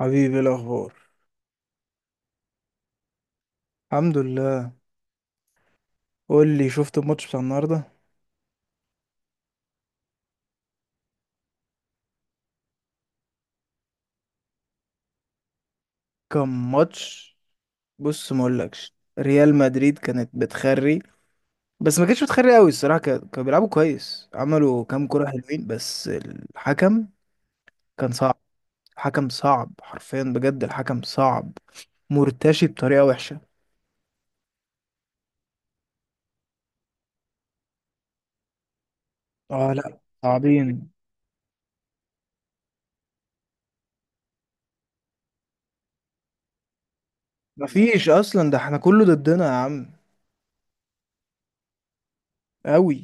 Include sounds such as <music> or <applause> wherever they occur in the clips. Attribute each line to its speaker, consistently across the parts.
Speaker 1: حبيبي، إيه الاخبار؟ الحمد لله. قول لي، شفت الماتش بتاع النهارده؟ كان ماتش. بص ما اقولكش، ريال مدريد كانت بتخري. بس ما كانتش بتخري قوي الصراحه، كانوا بيلعبوا كويس، عملوا كام كره حلوين، بس الحكم كان صعب. حكم صعب حرفيا، بجد الحكم صعب، مرتشي بطريقه وحشه. اه لا، صعبين. مفيش اصلا، ده احنا كله ضدنا يا عم. قوي.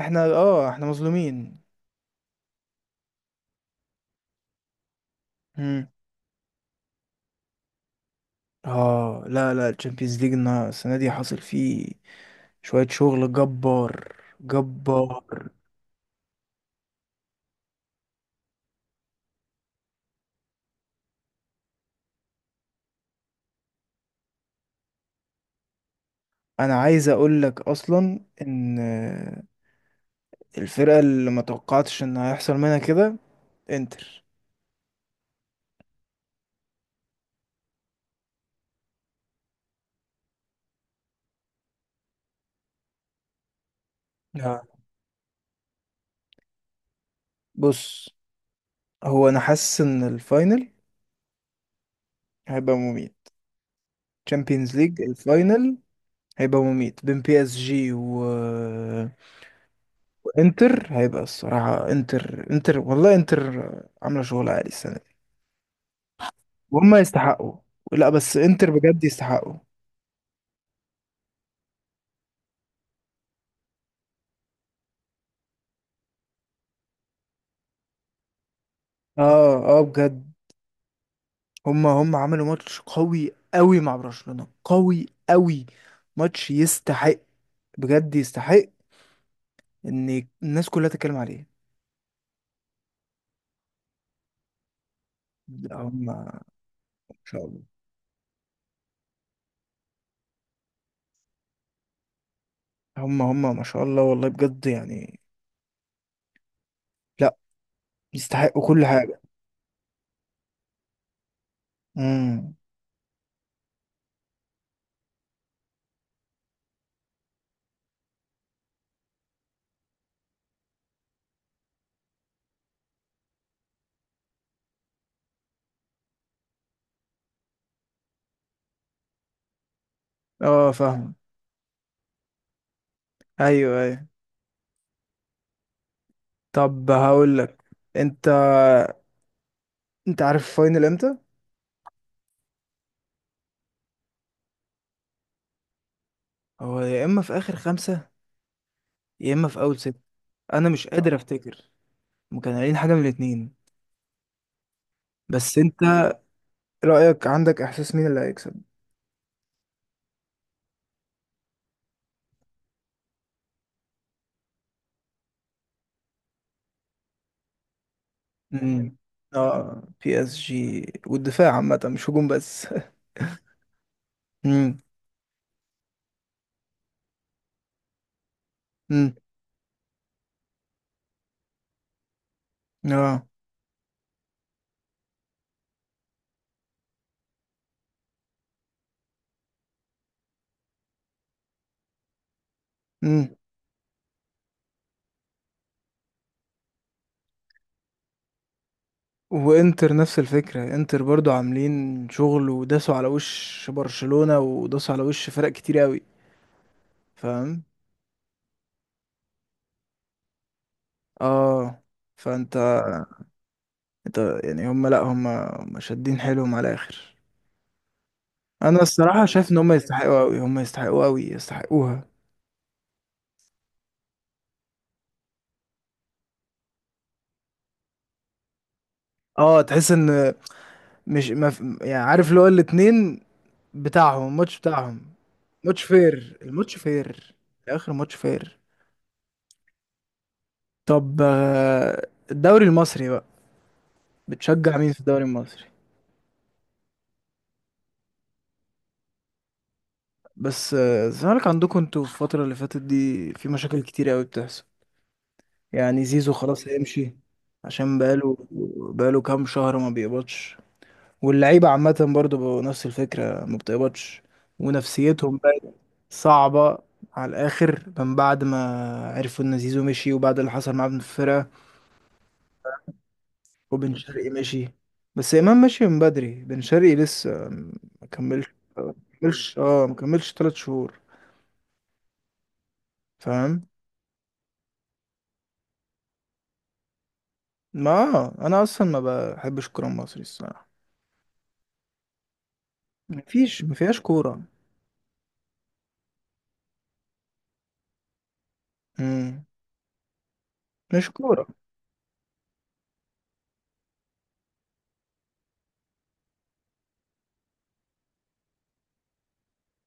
Speaker 1: احنا، احنا مظلومين. اه لا لا، الشامبيونز ليج السنه دي حاصل فيه شويه شغل جبار جبار. انا عايز اقول لك اصلا ان الفرقه اللي ما توقعتش ان هيحصل منها كده، انتر. آه. بص، هو انا حاسس ان الفاينل هيبقى مميت. تشامبيونز ليج الفاينل هيبقى مميت بين بي اس جي و... وانتر. هيبقى الصراحة انتر، انتر والله، انتر عاملة شغل عالي السنة. وهم يستحقوا. لا بس انتر بجد يستحقوا. اه، اه بجد. هم عملوا ماتش قوي قوي مع برشلونة قوي قوي. ماتش يستحق، بجد يستحق ان الناس كلها تتكلم عليه. لا هم ما شاء الله. هم ما شاء الله والله بجد يعني. لا، يستحقوا كل حاجة. امم. اه، فاهم. ايوه، ايوه. طب هقول لك، انت انت عارف الفاينل امتى؟ هو يا اما في اخر خمسة، يا اما في اول ستة. انا مش قادر افتكر. ما كانوا قايلين حاجه من الاتنين. بس انت رايك، عندك احساس مين اللي هيكسب؟ امم. اه، بي اس جي والدفاع عامه، مش هجوم بس. <laughs> امم. امم. اه. امم. وانتر نفس الفكره، انتر برضو عاملين شغل، وداسوا على وش برشلونه، وداسوا على وش فرق كتير قوي. فاهم؟ اه، فانت انت يعني، هم، لا هم شادين حيلهم على الاخر. انا الصراحه شايف ان هم يستحقوا قوي، هم يستحقوا قوي، يستحقوها. اه، تحس ان، مش ما في- يعني عارف اللي هو الاتنين بتاعهم، الماتش بتاعهم. ماتش فير، الماتش فير. اخر ماتش فير. طب، الدوري المصري بقى، بتشجع مين في الدوري المصري؟ بس الزمالك عندكم انتوا في الفترة اللي فاتت دي في مشاكل كتير قوي بتحصل. يعني زيزو خلاص هيمشي، عشان بقاله كام شهر ما بيقبضش. واللعيبة عامة برضو بقوا نفس الفكرة، ما بتقبضش. ونفسيتهم بقت صعبة على الآخر من بعد ما عرفوا إن زيزو مشي، وبعد اللي حصل معاه في الفرقة. وبن شرقي مشي. بس إمام مشي من بدري، بن شرقي لسه ما كملش. ما ما كملش 3 شهور. فاهم. ما أنا أصلا ما بحبش الكورة المصري الصراحة. مفيش، مفيهاش كورة. مم. مش كورة.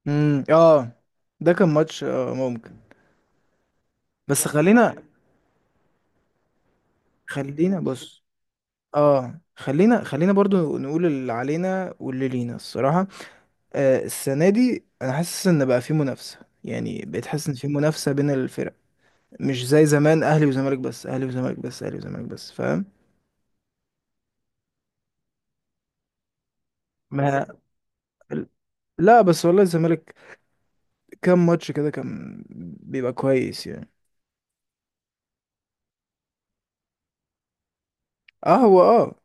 Speaker 1: مم، اه. ده كان ماتش ممكن. بس خلينا، خلينا بص، اه خلينا برضو نقول اللي علينا واللي لينا الصراحة. السنة دي انا حاسس ان بقى في منافسة، يعني بقيت حاسس ان في منافسة بين الفرق، مش زي زمان اهلي وزمالك بس اهلي وزمالك بس اهلي وزمالك بس. فاهم؟ ما لا، بس والله الزمالك كام ماتش كده كان بيبقى كويس يعني. اه، هو اه.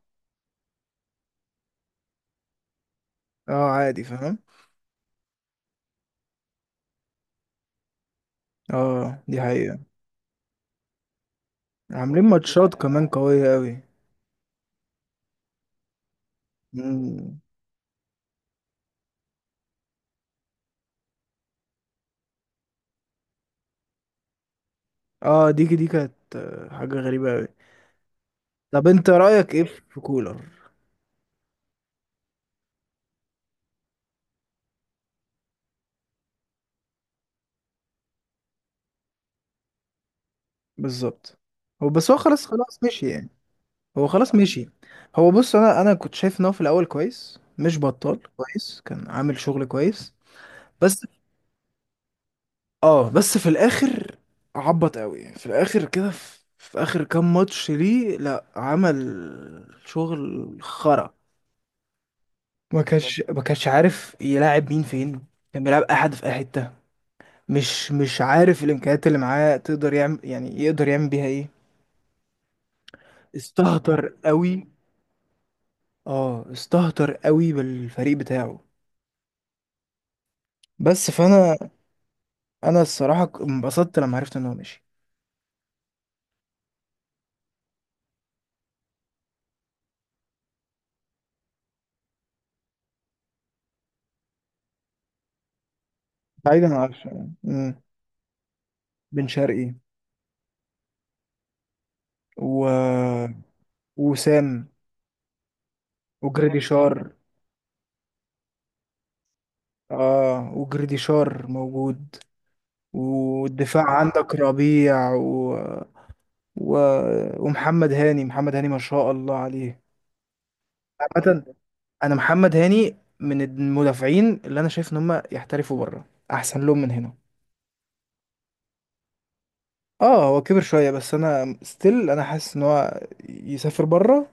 Speaker 1: اه، عادي فاهم. اه، دي حقيقة. عاملين ماتشات كمان قوية قوي. مم. اه، دي كانت حاجة غريبة أوي. طب، انت رأيك ايه في كولر؟ بالظبط. هو بس هو خلاص خلاص مشي يعني. هو خلاص مشي. هو بص، انا كنت شايف ان هو في الاول كويس، مش بطال، كويس كان عامل شغل كويس. بس اه بس في الاخر عبط قوي يعني. في الاخر كده، في اخر كام ماتش ليه، لا عمل شغل خرا. ما كانش عارف يلاعب مين فين. كان بيلعب احد في اي حتة. مش عارف الامكانيات اللي معاه تقدر يعمل، يعني يقدر يعمل بيها ايه. استهتر قوي. اه، استهتر قوي بالفريق بتاعه. بس فانا الصراحه انبسطت لما عرفت ان هو مشي. بعيدا عن عشان مم. بن شرقي و... وسام، وجريديشار. اه، وجريديشار موجود. والدفاع عندك ربيع و... و... ومحمد هاني، محمد هاني ما شاء الله عليه. عامه، انا محمد هاني من المدافعين اللي انا شايف ان هم يحترفوا بره، احسن لهم من هنا. اه، هو كبر شوية، بس انا ستيل حاسس ان هو يسافر بره.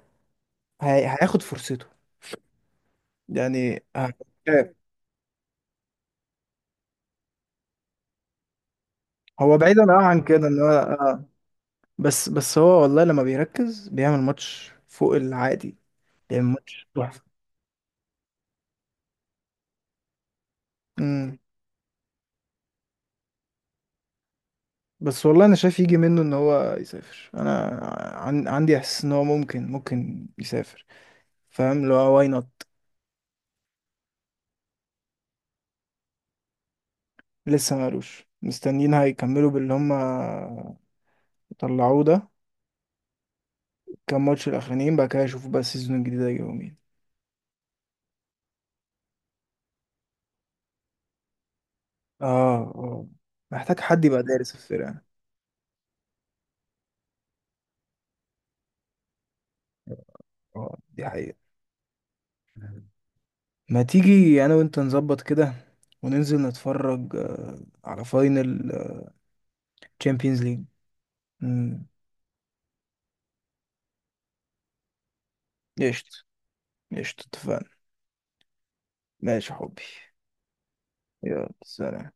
Speaker 1: هياخد فرصته يعني ه-. هو بعيدا عن كده ان هو بس بس هو والله لما بيركز بيعمل ماتش فوق العادي، بيعمل ماتش تحفة. امم. بس والله انا شايف يجي منه ان هو يسافر. انا عندي احساس ان هو ممكن يسافر. فاهم لو واي نوت. لسه مالوش، مستنيين هيكملوا باللي هم طلعوه ده كام ماتش الاخرانيين بقى كده، اشوف بقى السيزون الجديد هيجيبوا مين. اه، اه، محتاج حد يبقى دارس الفرقة. اه، دي حقيقة. ما تيجي انا وانت نظبط كده، وننزل نتفرج على فاينل تشامبيونز ليج. امم. قشطة. قشطة، اتفقنا. ماشي يا حبي. يلا، سلام.